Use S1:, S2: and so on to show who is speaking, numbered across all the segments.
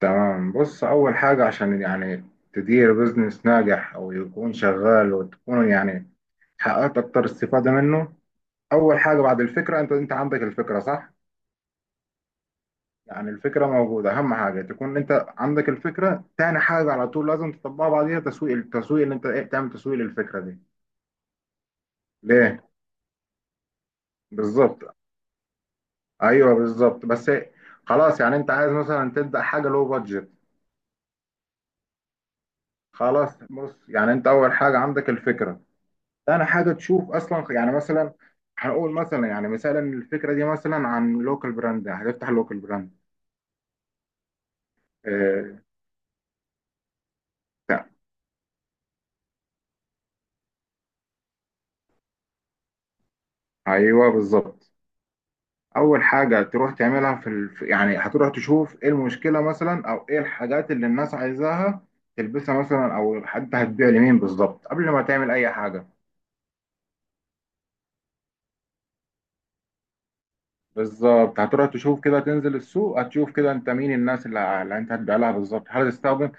S1: تمام، بص. أول حاجة عشان يعني تدير بزنس ناجح أو يكون شغال، وتكون يعني حققت أكتر استفادة منه. أول حاجة بعد الفكرة، أنت عندك الفكرة، صح؟ يعني الفكرة موجودة، أهم حاجة تكون أنت عندك الفكرة. تاني حاجة على طول لازم تطبقها بعديها تسويق. اللي أنت إيه تعمل تسويق للفكرة دي، ليه؟ بالظبط. أيوه، بالظبط، بس. خلاص، يعني أنت عايز مثلا تبدأ حاجة لو بادجت. خلاص، بص، يعني أنت أول حاجة عندك الفكرة. انا حاجه تشوف اصلا يعني مثلا، هنقول مثلا يعني مثلا الفكره دي مثلا عن لوكال براند، هتفتح لوكال براند آه بتاع. ايوه، بالظبط. اول حاجه تروح تعملها في يعني هتروح تشوف ايه المشكله مثلا، او ايه الحاجات اللي الناس عايزاها تلبسها مثلا، او حتى هتبيع لمين بالظبط قبل ما تعمل اي حاجه. بالظبط، هتروح تشوف كده، تنزل السوق، هتشوف كده انت مين الناس اللي انت هتبيع لها بالظبط. هتستخدم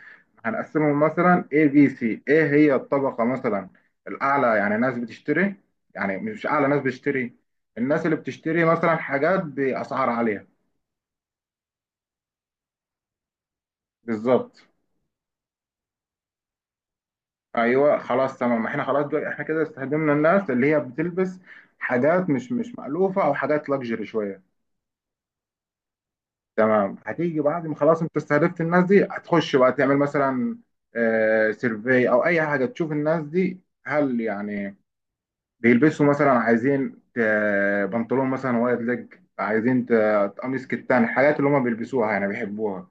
S1: هنقسمهم مثلا A B C. ايه هي الطبقة مثلا الأعلى؟ يعني ناس بتشتري. يعني مش أعلى، ناس بتشتري، الناس اللي بتشتري مثلا حاجات بأسعار عالية. بالظبط. أيوه، خلاص، تمام. احنا خلاص دول، احنا كده استخدمنا الناس اللي هي بتلبس حاجات مش مألوفة أو حاجات لاكجري شوية. تمام. هتيجي بعد ما خلاص انت استهدفت الناس دي، هتخش بقى تعمل مثلا سيرفي او اي حاجه تشوف الناس دي هل يعني بيلبسوا مثلا. عايزين بنطلون مثلا وايد ليج، عايزين قميص كتان، الحاجات اللي هم بيلبسوها يعني بيحبوها.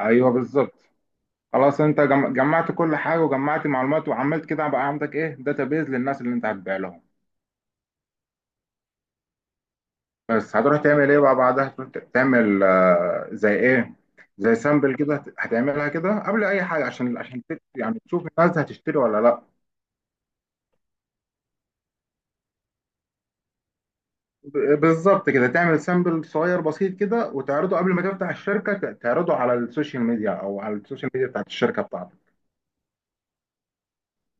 S1: ايوه، بالظبط. خلاص انت جمعت كل حاجه، وجمعت معلومات، وعملت كده. بقى عندك ايه داتابيز للناس اللي انت هتبيع لهم. بس هتروح تعمل ايه بقى بعدها؟ تروح تعمل زي ايه، زي سامبل كده. هتعملها كده قبل اي حاجه عشان يعني تشوف الناس هتشتري ولا لا. بالظبط. كده تعمل سامبل صغير بسيط كده وتعرضه قبل ما تفتح الشركه، تعرضه على السوشيال ميديا او على السوشيال ميديا بتاعت الشركه بتاعتك.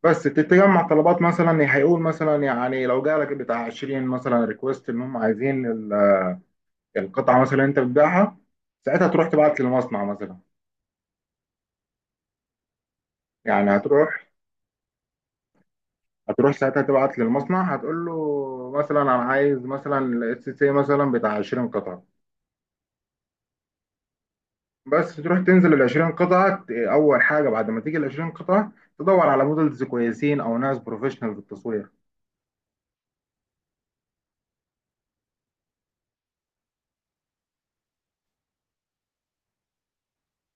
S1: بس تتجمع طلبات. مثلا هيقول مثلا يعني لو جالك بتاع 20 مثلا ريكوست ان هم عايزين القطعه مثلا انت بتبيعها، ساعتها تروح تبعت للمصنع مثلا. يعني هتروح ساعتها تبعت للمصنع، هتقول له مثلا انا عايز مثلا الاس سي مثلا بتاع 20 قطعه. بس تروح تنزل ال 20 قطعه. اول حاجه بعد ما تيجي ال 20 قطعه، تدور على مودلز كويسين او ناس بروفيشنال في التصوير.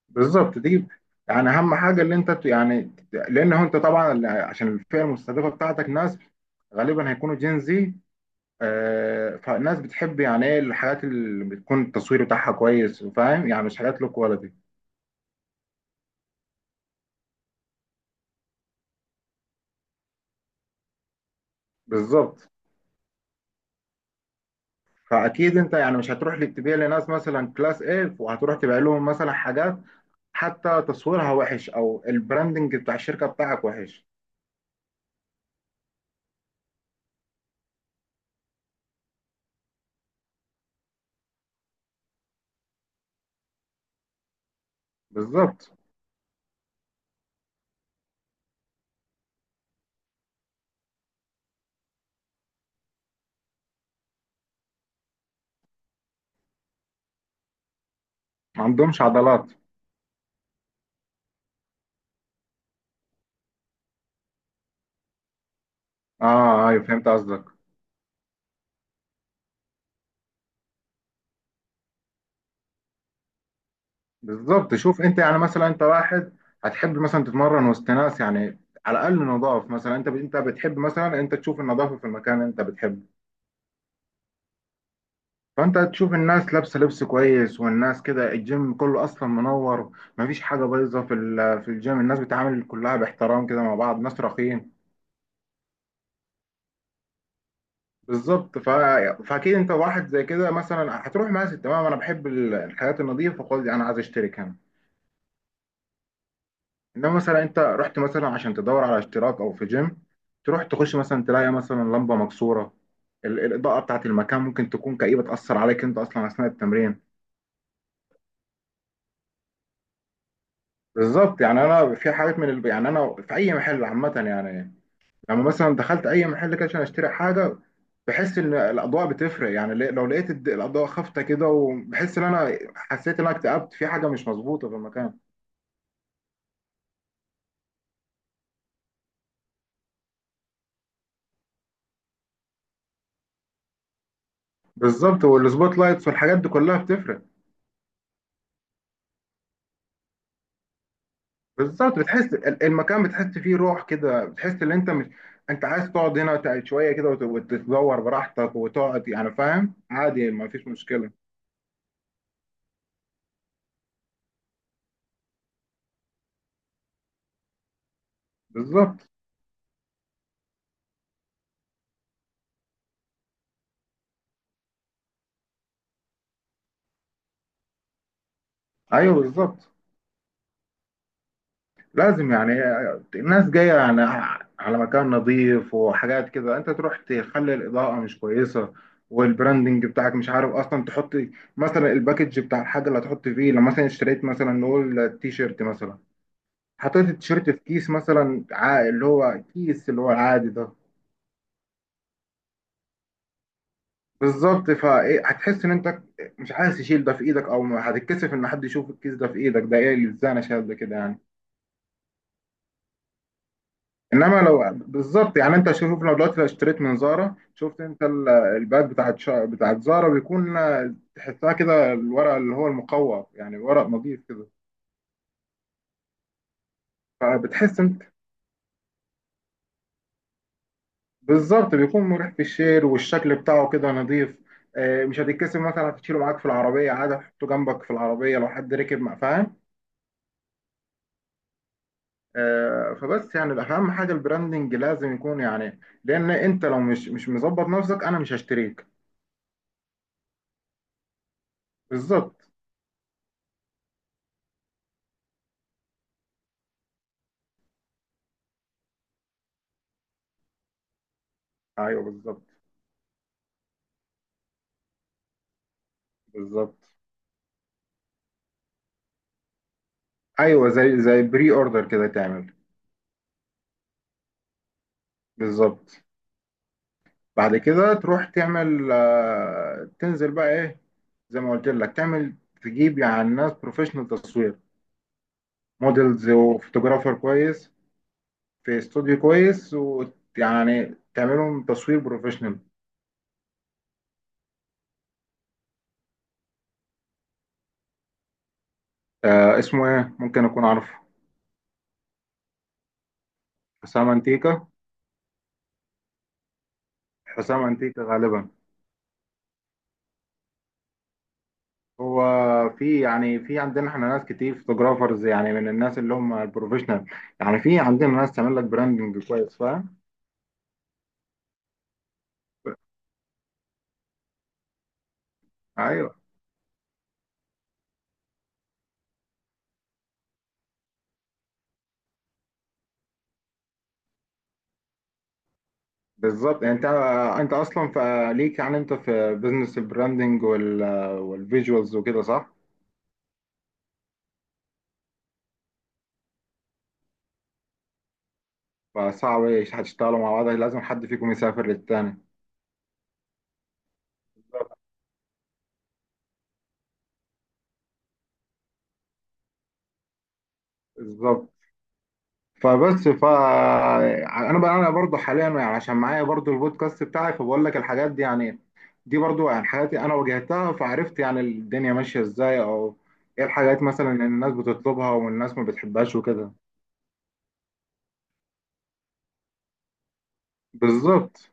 S1: بالظبط، تجيب. يعني اهم حاجه اللي انت يعني، لان هو انت طبعا عشان الفئه المستهدفه بتاعتك ناس غالبا هيكونوا جين زي. فالناس بتحب يعني ايه الحاجات اللي بتكون التصوير بتاعها كويس، فاهم؟ يعني مش حاجات لو كواليتي. بالظبط. فاكيد انت يعني مش هتروح لي تبيع لناس مثلا كلاس ايه وهتروح تبيع لهم مثلا حاجات حتى تصويرها وحش او البراندنج بتاع الشركه بتاعك وحش. بالظبط، ما عندهمش عضلات. اه، ايوه، فهمت قصدك. بالظبط. شوف، انت يعني مثلا انت واحد هتحب مثلا تتمرن وسط ناس، يعني على الاقل نضاف مثلا. انت بتحب مثلا انت تشوف النظافه في المكان اللي انت بتحبه. فانت هتشوف الناس لابسه لبس كويس، والناس كده الجيم كله اصلا منور، مفيش حاجه بايظه في الجيم. الناس بتعامل كلها باحترام كده مع بعض، ناس راقيين. بالظبط. فاكيد انت واحد زي كده مثلا هتروح ماسك تمام، انا بحب الحياه النظيفه خالص، انا عايز اشترك هنا. انما مثلا انت رحت مثلا عشان تدور على اشتراك او في جيم، تروح تخش مثلا تلاقي مثلا لمبه مكسوره. الاضاءه بتاعت المكان ممكن تكون كئيبه، تاثر عليك انت اصلا اثناء التمرين. بالظبط. يعني انا في حاجات يعني انا في اي محل عامه يعني. لما مثلا دخلت اي محل كده عشان اشتري حاجه، بحس ان الاضواء بتفرق يعني. لو لقيت الاضواء خافته كده، وبحس ان انا حسيت ان انا اكتئبت، في حاجه مش مظبوطه في المكان. بالظبط، والسبوت لايتس والحاجات دي كلها بتفرق. بالظبط. بتحس المكان بتحس فيه روح كده، بتحس ان انت مش انت عايز تقعد هنا شويه كده وتتدور براحتك وتقعد يعني، فاهم؟ عادي، ما فيش مشكله. بالظبط. ايوه، بالظبط. لازم يعني الناس جاية يعني على مكان نظيف وحاجات كده، انت تروح تخلي الإضاءة مش كويسة، والبراندنج بتاعك مش عارف اصلا تحط، مثلا الباكج بتاع الحاجة اللي هتحط فيه. لو مثلا اشتريت مثلا نقول التيشيرت مثلا، حطيت التيشيرت في كيس مثلا اللي هو كيس اللي هو العادي ده. بالظبط. فايه هتحس ان انت مش عايز تشيل ده في ايدك، او هتتكسف ان حد يشوف الكيس ده في ايدك، ده ايه اللي ازاي انا شايل ده كده يعني. انما لو بالظبط، يعني انت شوف، لو دلوقتي لو اشتريت من زارا، شفت انت الباك بتاعت بتاعت زارا بيكون، تحسها كده الورق اللي هو المقوى، يعني ورق نظيف كده. فبتحس انت بالظبط بيكون مريح في الشيل، والشكل بتاعه كده نظيف. مش هتتكسر مثلا، هتشيله معاك في العربيه عادي، هتحطه جنبك في العربيه لو حد ركب مع، فاهم؟ فبس يعني الاهم حاجه البراندنج لازم يكون، يعني لان انت لو مش مظبط نفسك، انا مش هشتريك. بالظبط. ايوه، بالظبط، بالظبط. ايوه، زي بري اوردر كده تعمل. بالظبط. بعد كده تروح تعمل تنزل بقى ايه، زي ما قلت لك. تعمل تجيب يعني ناس بروفيشنال تصوير، موديلز وفوتوغرافر كويس، في استوديو كويس ويعني تعملهم تصوير بروفيشنال. آه، اسمه ايه؟ ممكن اكون عارفه. حسام انتيكا. حسام انتيكا غالبا هو. في، يعني في عندنا احنا ناس كتير فوتوغرافرز، يعني من الناس اللي هم البروفيشنال. يعني في عندنا ناس تعمل لك براندنج كويس، فاهم؟ ايوه، بالظبط. يعني انت اصلا فليك يعني، انت في بزنس البراندنج والفيجوالز وكده، صح؟ فصعب، إيش هتشتغلوا مع بعض؟ لازم حد فيكم يسافر للتاني. بالظبط. فبس انا بقى، انا برضو حاليا يعني عشان معايا برضو البودكاست بتاعي، فبقول لك الحاجات دي يعني. دي برضو يعني حاجاتي انا واجهتها، فعرفت يعني الدنيا ماشيه ازاي، او ايه الحاجات مثلا اللي الناس بتطلبها والناس ما بتحبهاش وكده. بالظبط،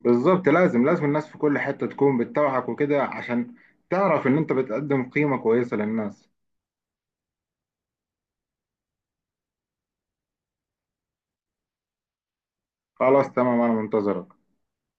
S1: بالظبط. لازم لازم الناس في كل حتة تكون بتتابعك وكده، عشان تعرف ان انت بتقدم قيمة كويسة للناس. خلاص، تمام. انا منتظرك.